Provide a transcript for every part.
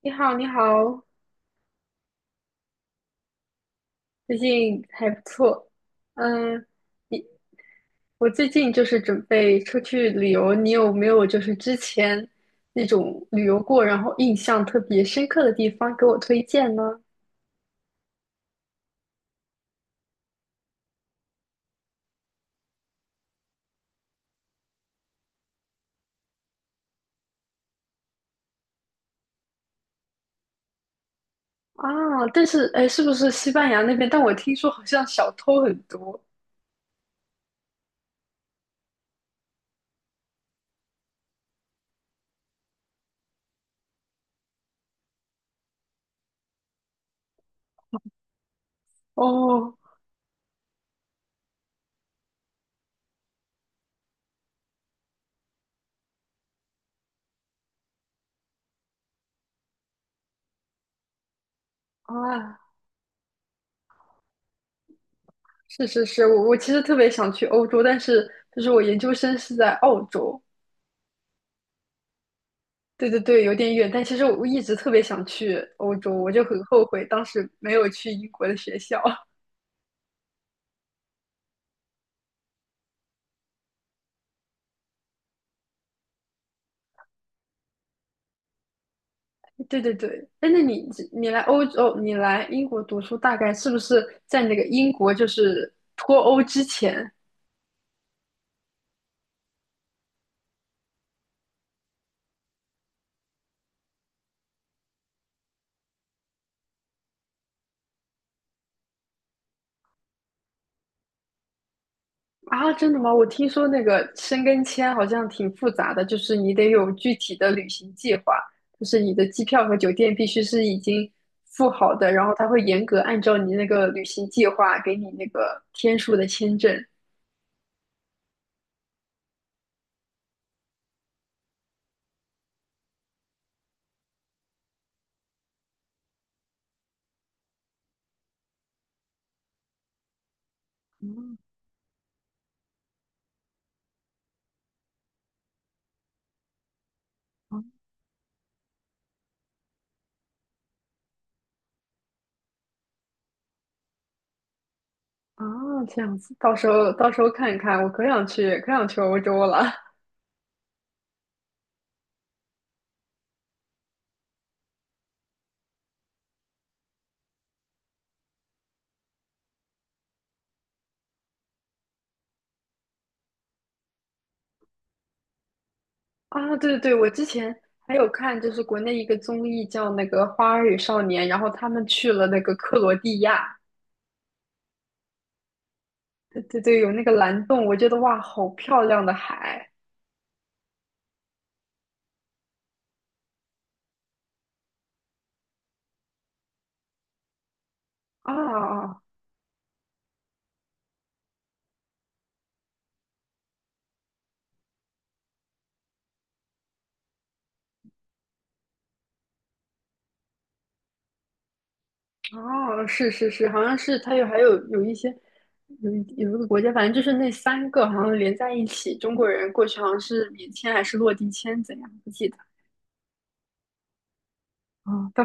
你好，你好，最近还不错。嗯，你我最近就是准备出去旅游，你有没有就是之前那种旅游过，然后印象特别深刻的地方给我推荐呢？啊，但是哎，是不是西班牙那边？但我听说好像小偷很多哦。啊，是是是，我其实特别想去欧洲，但是就是我研究生是在澳洲。对对对，有点远，但其实我一直特别想去欧洲，我就很后悔当时没有去英国的学校。对对对，哎，那你来欧洲，你来英国读书，大概是不是在那个英国就是脱欧之前？啊？真的吗？我听说那个申根签好像挺复杂的，就是你得有具体的旅行计划，就是你的机票和酒店必须是已经付好的，然后他会严格按照你那个旅行计划给你那个天数的签证。嗯啊，这样子，到时候看一看，我可想去，可想去欧洲了。 啊！对对对，我之前还有看，就是国内一个综艺叫那个《花儿与少年》，然后他们去了那个克罗地亚。对对对，有那个蓝洞，我觉得哇，好漂亮的海。啊啊！哦，是是是，好像是它有有一些有一个国家，反正就是那三个好像连在一起，中国人过去好像是免签还是落地签，怎样不记得。啊？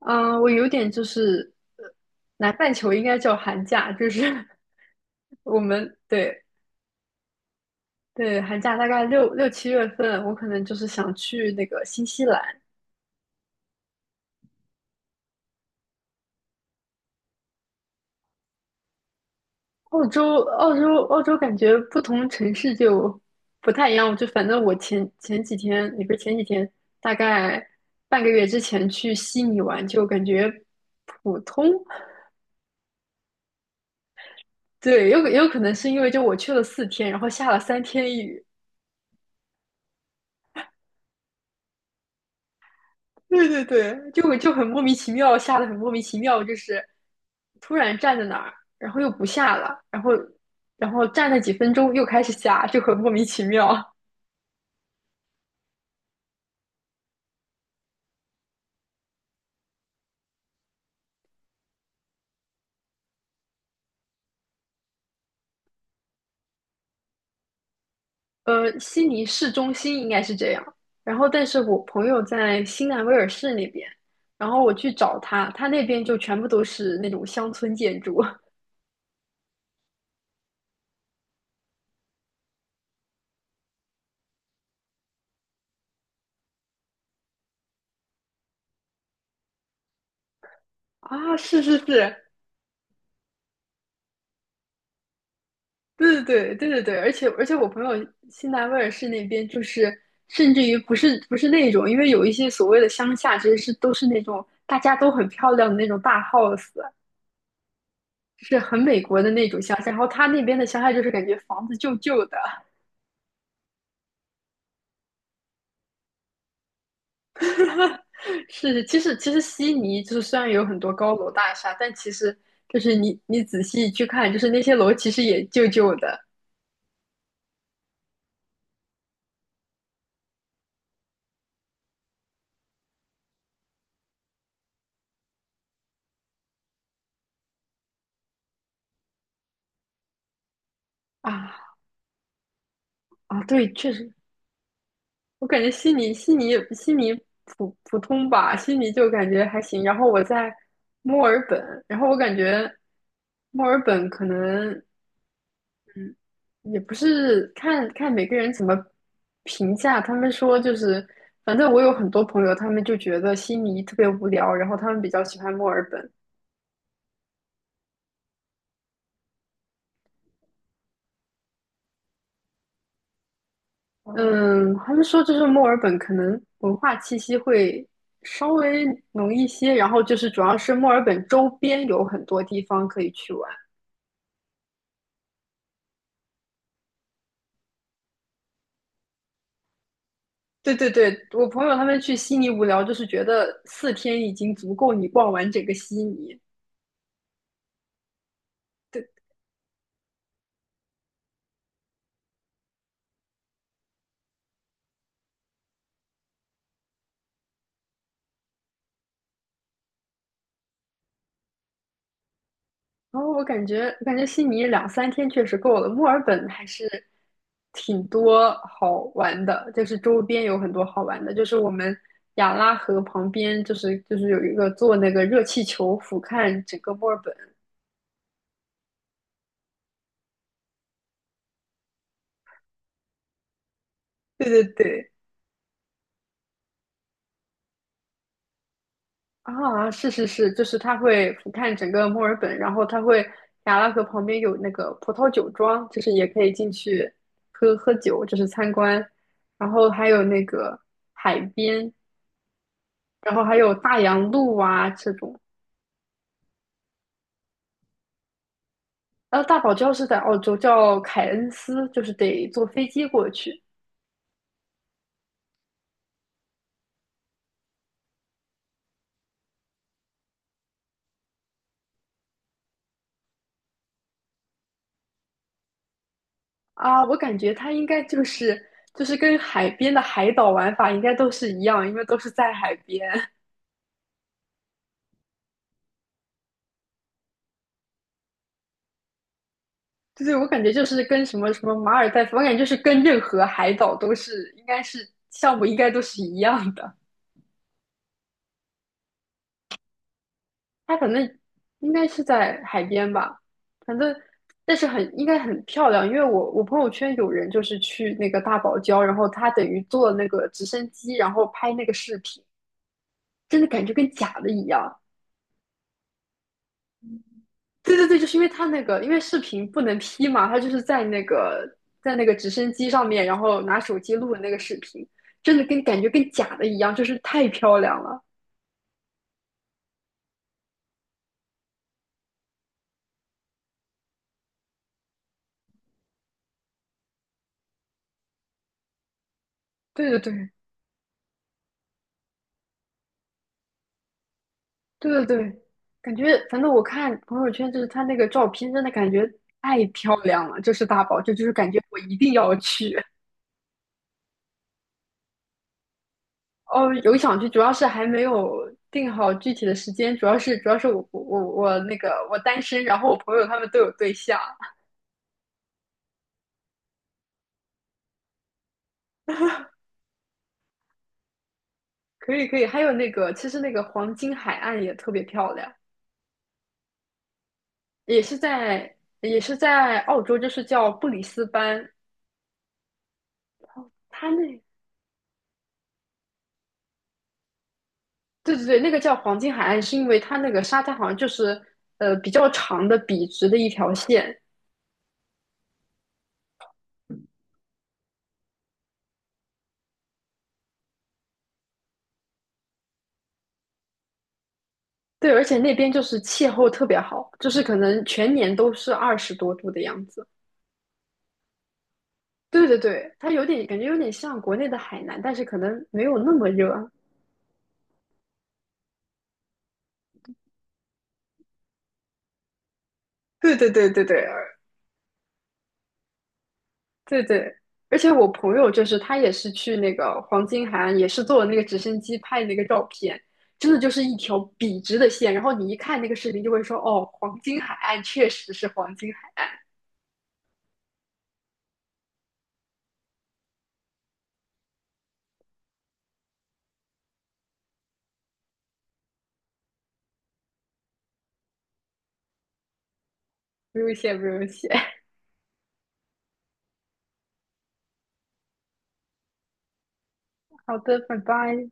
嗯，我有点就是南半球应该叫寒假，就是 我们对。对寒假大概6、7月份，我可能就是想去那个新西兰、澳洲、澳洲、澳洲，感觉不同城市就不太一样。就反正我前几天，也不是前几天，大概半个月之前去悉尼玩，就感觉普通。对，有可能是因为就我去了四天，然后下了三天雨。对对对，就很莫名其妙，下的很莫名其妙，就是突然站在那儿，然后又不下了，然后站了几分钟又开始下，就很莫名其妙。悉尼市中心应该是这样，然后但是我朋友在新南威尔士那边，然后我去找他，他那边就全部都是那种乡村建筑。 啊，是是是，对对对对对对，而且我朋友新南威尔士那边就是，甚至于不是那种，因为有一些所谓的乡下，其实是都是那种大家都很漂亮的那种大 house，就是很美国的那种乡下。然后他那边的乡下就是感觉房子旧旧的。是其实悉尼就是虽然有很多高楼大厦，但其实就是你仔细去看，就是那些楼其实也旧旧的。啊啊，对，确实我感觉悉尼普通吧，悉尼就感觉还行。然后我在墨尔本，然后我感觉墨尔本可能也不是。看看每个人怎么评价，他们说就是，反正我有很多朋友，他们就觉得悉尼特别无聊，然后他们比较喜欢墨尔本。嗯，他们说就是墨尔本可能文化气息会稍微浓一些，然后就是主要是墨尔本周边有很多地方可以去玩。对对对，我朋友他们去悉尼无聊，就是觉得四天已经足够你逛完整个悉尼。对，然后我感觉悉尼2、3天确实够了，墨尔本还是挺多好玩的，就是周边有很多好玩的，就是我们亚拉河旁边，就是有一个坐那个热气球俯瞰整个墨尔本。对对对，啊，是是是，就是它会俯瞰整个墨尔本，然后它会雅拉河旁边有那个葡萄酒庄，就是也可以进去喝喝酒，就是参观，然后还有那个海边，然后还有大洋路啊这种。然后大堡礁是在澳洲，叫凯恩斯，就是得坐飞机过去啊。我感觉它应该就是跟海边的海岛玩法应该都是一样，因为都是在海边。对对，我感觉就是跟什么什么马尔代夫，我感觉就是跟任何海岛都是，应该是项目应该都是一样的。它可能应该是在海边吧，反正但是很应该很漂亮，因为我朋友圈有人就是去那个大堡礁，然后他等于坐那个直升机，然后拍那个视频，真的感觉跟假的一样。对对对，就是因为他那个，因为视频不能 P 嘛，他就是在那个直升机上面，然后拿手机录的那个视频，真的跟感觉跟假的一样，就是太漂亮了。对对对对对对，感觉反正我看朋友圈，就是他那个照片，真的感觉太漂亮了。就是大宝，就是感觉我一定要去。哦，有想去，主要是还没有定好具体的时间，主要是我那个我单身，然后我朋友他们都有对象。可以可以，还有那个，其实那个黄金海岸也特别漂亮，也是在也是在澳洲，就是叫布里斯班，它那对对对，那个叫黄金海岸，是因为它那个沙滩好像就是比较长的笔直的一条线。对，而且那边就是气候特别好，就是可能全年都是20多度的样子。对对对，它有点感觉有点像国内的海南，但是可能没有那么热。对对对对对，对对，而且我朋友就是他也是去那个黄金海岸，也是坐那个直升机拍那个照片，真的就是一条笔直的线，然后你一看那个视频就会说，哦，黄金海岸确实是黄金海岸。不用谢，不用谢。好的，拜拜。